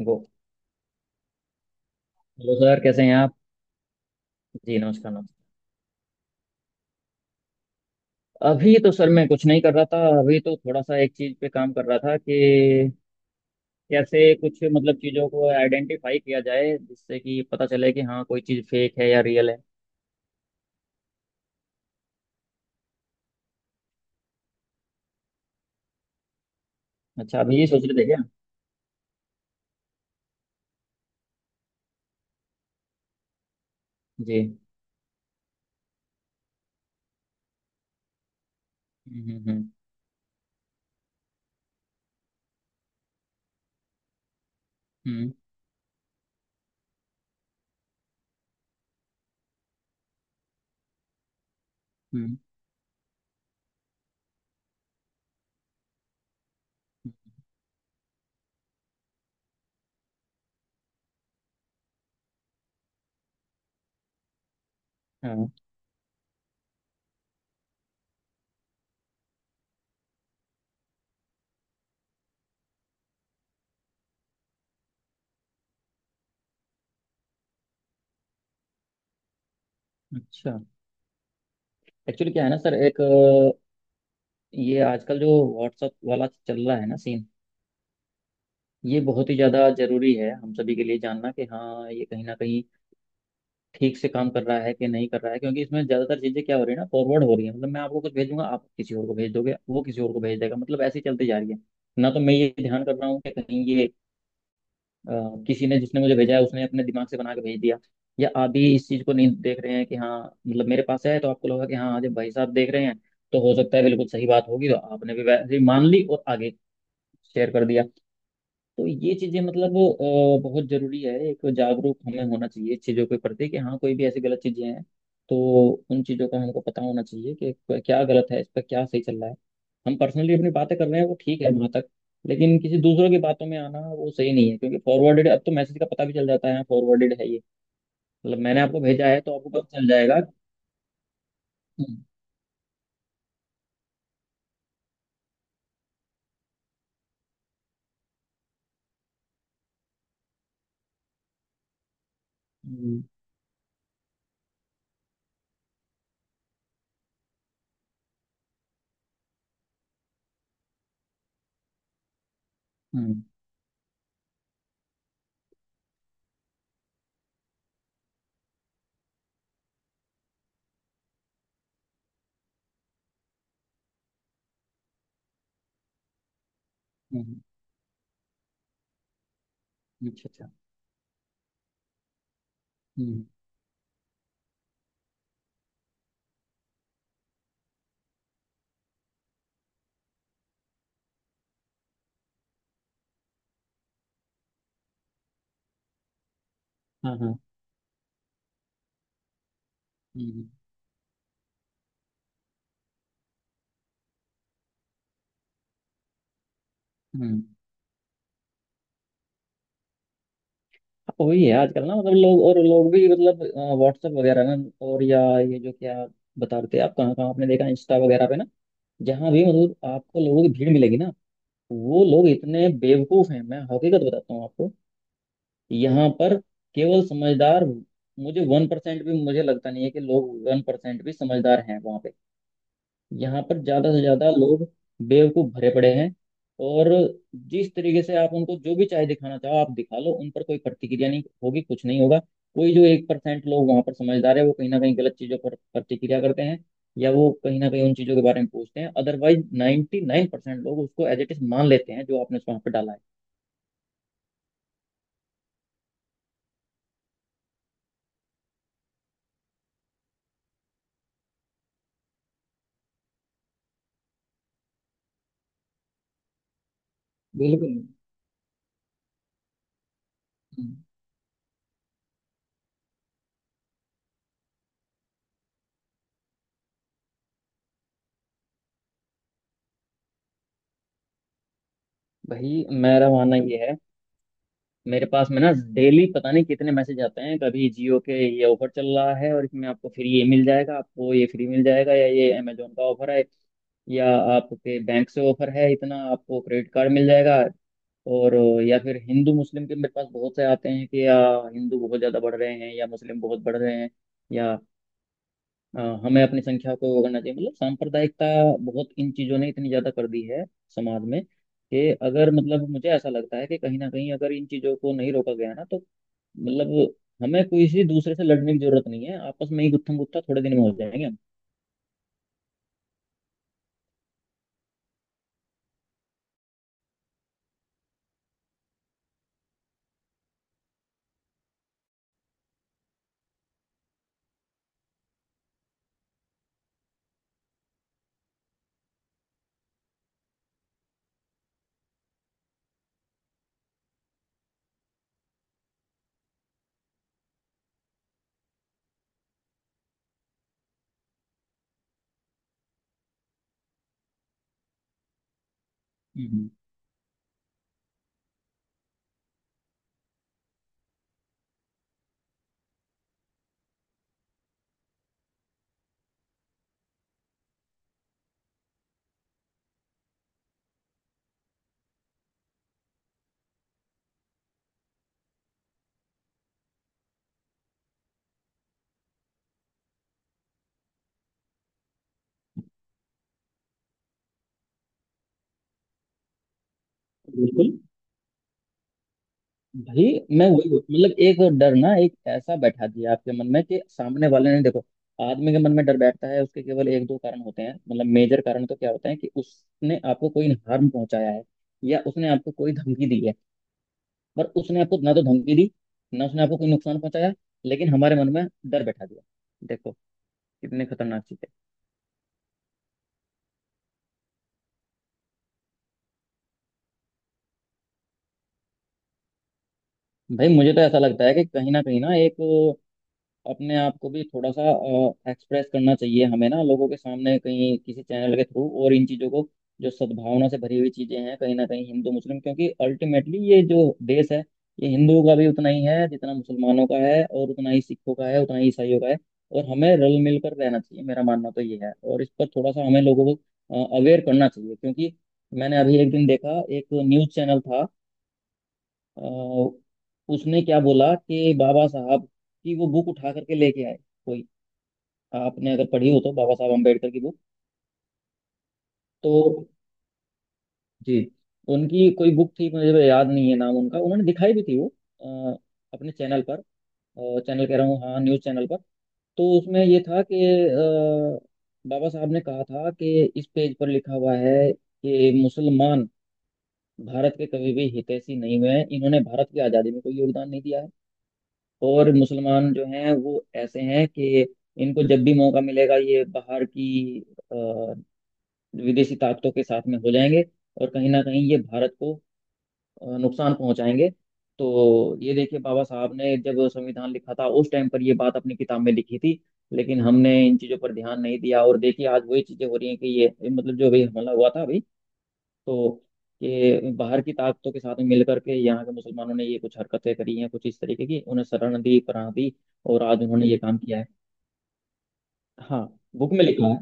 वो hello sir, कैसे हैं आप? जी नमस्कार, नमस्कार। अभी तो सर मैं कुछ नहीं कर रहा था। अभी तो थोड़ा सा एक चीज पे काम कर रहा था कि कैसे कुछ मतलब चीजों को आइडेंटिफाई किया जाए, जिससे कि पता चले कि हाँ कोई चीज फेक है या रियल है। अच्छा, अभी ये सोच रहे थे क्या? जी। हम्म। हम्म। हम्म। हम्म। हम्म। हाँ, अच्छा। एक्चुअली क्या है ना सर, एक ये आजकल जो व्हाट्सअप वाला चल रहा है ना सीन, ये बहुत ही ज्यादा जरूरी है हम सभी के लिए जानना कि हाँ ये कहीं ना कहीं ठीक से काम कर रहा है कि नहीं कर रहा है, क्योंकि इसमें ज्यादातर चीजें क्या हो रही है ना, फॉरवर्ड हो रही है। मतलब मैं आपको कुछ भेजूंगा, आप किसी और को भेज दोगे, वो किसी और को भेज देगा, मतलब ऐसे ही चलती जा रही है। ना तो मैं ये ध्यान कर रहा हूँ कि कहीं ये अ, किसी ने, जिसने मुझे भेजा है, उसने अपने दिमाग से बना के भेज दिया, या आप भी इस चीज को नहीं देख रहे हैं कि हाँ मतलब मेरे पास है तो आपको लगा कि हाँ जब भाई साहब देख रहे हैं तो हो सकता है बिल्कुल सही बात होगी, तो आपने भी वैसे ही मान ली और आगे शेयर कर दिया। तो ये चीजें मतलब बहुत जरूरी है, एक जागरूक हमें होना चाहिए इस चीजों के प्रति कि हाँ कोई भी ऐसी गलत चीजें हैं तो उन चीजों का हमको पता होना चाहिए कि क्या गलत है, इस पर क्या सही चल रहा है। हम पर्सनली अपनी बातें कर रहे हैं वो ठीक है वहां तक, लेकिन किसी दूसरों की बातों में आना वो सही नहीं है, क्योंकि फॉरवर्डेड, अब तो मैसेज का पता भी चल जाता है फॉरवर्डेड है ये। मतलब मैंने आपको भेजा है तो आपको पता चल जाएगा। हम्म। हम्म। हम्म। हम्म। हम्म। अच्छा, अच्छा। हम्म। हाँ, हाँ। हम्म। हम्म। वही है आजकल ना, मतलब लोग, और लोग भी मतलब व्हाट्सएप वगैरह ना, और या ये जो क्या आप बता रहे थे, आप कहाँ कहाँ आपने देखा, इंस्टा वगैरह पे ना, जहाँ भी मतलब आपको लोगों की भीड़ मिलेगी ना, वो लोग इतने बेवकूफ हैं। मैं हकीकत बताता हूँ आपको। यहाँ पर केवल समझदार, मुझे 1% भी मुझे लगता नहीं है कि लोग 1% भी समझदार हैं वहाँ पे। यहाँ पर ज्यादा से ज्यादा लोग बेवकूफ भरे पड़े हैं, और जिस तरीके से आप उनको जो भी चाहे दिखाना चाहो आप दिखा लो, उन पर कोई प्रतिक्रिया नहीं होगी, कुछ नहीं होगा। कोई जो 1% लोग वहां पर समझदार है, वो कहीं ना कहीं गलत चीजों पर प्रतिक्रिया करते हैं, या वो कहीं ना कहीं उन चीजों के बारे में पूछते हैं, अदरवाइज 99% लोग उसको एज इट इज मान लेते हैं जो आपने वहां पर डाला है। बिल्कुल। भाई मेरा मानना ये है, मेरे पास में ना डेली पता नहीं कितने मैसेज आते हैं, कभी जियो के ये ऑफर चल रहा है और इसमें आपको फ्री ये मिल जाएगा, आपको ये फ्री मिल जाएगा, या ये अमेजोन का ऑफर है, या आपके बैंक से ऑफर है, इतना आपको क्रेडिट कार्ड मिल जाएगा। और या फिर हिंदू मुस्लिम के मेरे पास बहुत से आते हैं कि या हिंदू बहुत ज़्यादा बढ़ रहे हैं या मुस्लिम बहुत बढ़ रहे हैं, या हमें अपनी संख्या को वो करना चाहिए, मतलब सांप्रदायिकता, बहुत इन चीजों ने इतनी ज्यादा कर दी है समाज में, कि अगर मतलब मुझे ऐसा लगता है कि कहीं ना कहीं अगर इन चीजों को नहीं रोका गया ना तो मतलब हमें किसी दूसरे से लड़ने की जरूरत नहीं है, आपस में ही गुत्थम गुत्था थोड़े दिन में हो जाएंगे हम। हम्म, बिल्कुल। भाई मतलब एक डर ना, एक ऐसा बैठा दिया आपके मन में कि सामने वाले ने, देखो आदमी के मन में डर बैठता है उसके केवल एक दो कारण होते हैं, मतलब मेजर कारण तो क्या होते हैं कि उसने आपको कोई हार्म पहुंचाया है या उसने आपको कोई धमकी दी है। पर उसने आपको ना तो धमकी दी, ना उसने आपको कोई नुकसान पहुंचाया, लेकिन हमारे मन में डर बैठा दिया। देखो कितनी खतरनाक चीज है। भाई मुझे तो ऐसा लगता है कि कहीं ना एक अपने आप को भी थोड़ा सा एक्सप्रेस करना चाहिए हमें ना, लोगों के सामने कहीं किसी चैनल के थ्रू, और इन चीज़ों को जो सद्भावना से भरी हुई चीज़ें हैं कहीं ना कहीं हिंदू मुस्लिम, क्योंकि अल्टीमेटली ये जो देश है, ये हिंदुओं का भी उतना ही है जितना मुसलमानों का है, और उतना ही सिखों का है, उतना ही ईसाइयों का है, और हमें रल मिल कर रहना चाहिए। मेरा मानना तो ये है, और इस पर थोड़ा सा हमें लोगों को अवेयर करना चाहिए, क्योंकि मैंने अभी एक दिन देखा, एक न्यूज़ चैनल था, अ, उसने क्या बोला कि बाबा साहब की वो बुक उठा करके लेके आए कोई, आपने अगर पढ़ी हो तो बाबा साहब अम्बेडकर की बुक। तो जी, उनकी कोई बुक थी, मुझे तो याद नहीं है नाम उनका, उन्होंने दिखाई भी थी वो अ, अपने चैनल पर, चैनल कह रहा हूँ, हाँ न्यूज़ चैनल पर। तो उसमें ये था कि बाबा साहब ने कहा था कि इस पेज पर लिखा हुआ है कि मुसलमान भारत के कभी भी हितैषी नहीं हुए हैं, इन्होंने भारत की आज़ादी में कोई योगदान नहीं दिया है, और मुसलमान जो हैं वो ऐसे हैं कि इनको जब भी मौका मिलेगा ये बाहर की अ, विदेशी ताकतों के साथ में हो जाएंगे, और कहीं ना कहीं ये भारत को नुकसान पहुंचाएंगे। तो ये देखिए बाबा साहब ने जब संविधान लिखा था उस टाइम पर ये बात अपनी किताब में लिखी थी, लेकिन हमने इन चीज़ों पर ध्यान नहीं दिया, और देखिए आज वही चीज़ें हो रही हैं कि ये मतलब जो अभी हमला हुआ था अभी, तो ये बाहर की ताकतों के साथ मिल करके यहाँ के मुसलमानों ने ये कुछ हरकतें करी हैं, कुछ इस तरीके की, उन्हें शरण दी, पनाह दी, और आज उन्होंने ये काम किया है। हाँ, बुक में लिखा है।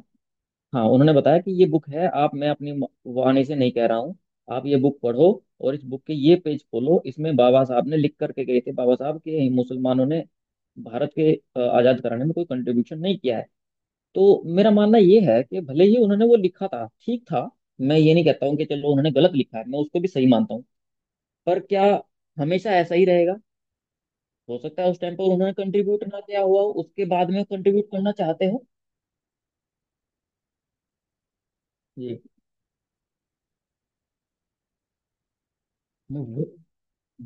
हाँ, उन्होंने बताया कि ये बुक है, आप, मैं अपनी वाणी से नहीं कह रहा हूँ, आप ये बुक पढ़ो, और इस बुक के ये पेज खोलो, इसमें बाबा साहब ने लिख करके गए थे, बाबा साहब के, मुसलमानों ने भारत के आजाद कराने में कोई कंट्रीब्यूशन नहीं किया है। तो मेरा मानना ये है कि भले ही उन्होंने वो लिखा था ठीक था, मैं ये नहीं कहता हूँ कि चलो उन्होंने गलत लिखा है, मैं उसको भी सही मानता हूँ, पर क्या हमेशा ऐसा ही रहेगा? हो सकता है उस टाइम पर उन्होंने कंट्रीब्यूट ना किया हुआ हो, उसके बाद में कंट्रीब्यूट करना चाहते हो। जी। मैं वो-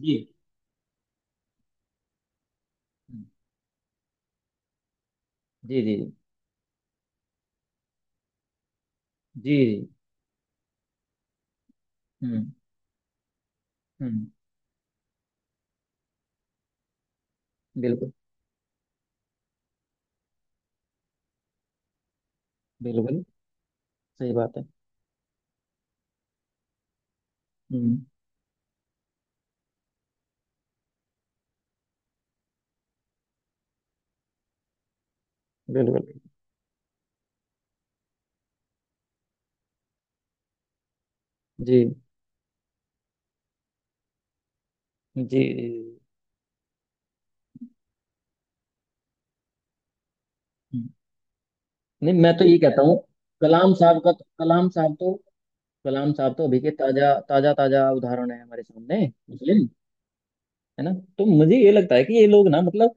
जी, जी, जी। जी, जी। हम्म। हम्म। बिल्कुल। बिल्कुल। सही बात है। हम्म। बिल्कुल। जी, जी, जी। हम्म। नहीं मैं तो ये कहता हूँ, कलाम साहब का तो, कलाम साहब तो, कलाम साहब तो अभी के ताजा ताजा ताजा उदाहरण है हमारे सामने, मुस्लिम। है ना? तो मुझे ये लगता है कि ये लोग ना मतलब,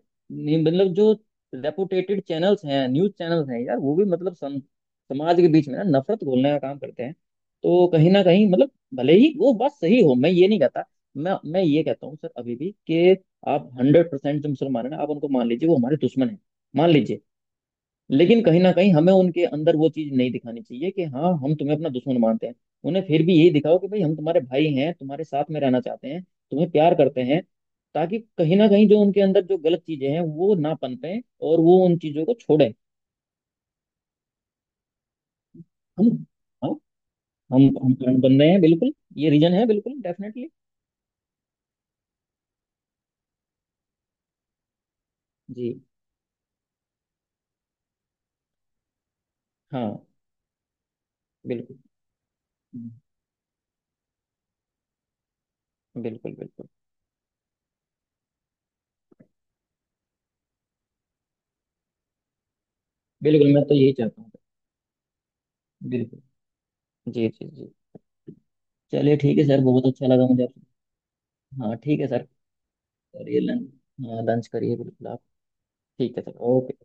ये मतलब जो रेपुटेटेड चैनल्स हैं, न्यूज चैनल्स हैं यार, वो भी मतलब समाज के बीच में ना नफरत घोलने का काम करते हैं। तो कहीं ना कहीं मतलब, भले ही वो बात सही हो, मैं ये नहीं कहता। मैं ये कहता हूँ सर अभी भी कि आप 100% जो मुसलमान है ना, आप उनको मान लीजिए वो हमारे दुश्मन है, मान लीजिए, लेकिन कहीं ना कहीं हमें उनके अंदर वो चीज नहीं दिखानी चाहिए कि हाँ हम तुम्हें अपना दुश्मन मानते हैं। उन्हें फिर भी यही दिखाओ कि भाई हम तुम्हारे भाई हैं, तुम्हारे साथ में रहना चाहते हैं, तुम्हें प्यार करते हैं, ताकि कहीं ना कहीं जो उनके अंदर जो गलत चीजें हैं वो ना पनपें और वो उन चीजों को छोड़ें। हम हाँ। हम फ्रेंड बन रहे हैं, बिल्कुल। ये रीजन है, बिल्कुल, डेफिनेटली। जी, हाँ, बिल्कुल। बिल्कुल। बिल्कुल। बिल्कुल मैं तो यही चाहता हूँ। बिल्कुल। जी, जी, जी। चलिए ठीक है सर, बहुत अच्छा लगा मुझे आपसे। हाँ ठीक है सर। करिए लंच। हाँ, लंच करिए बिल्कुल आप। ठीक है सर, ओके।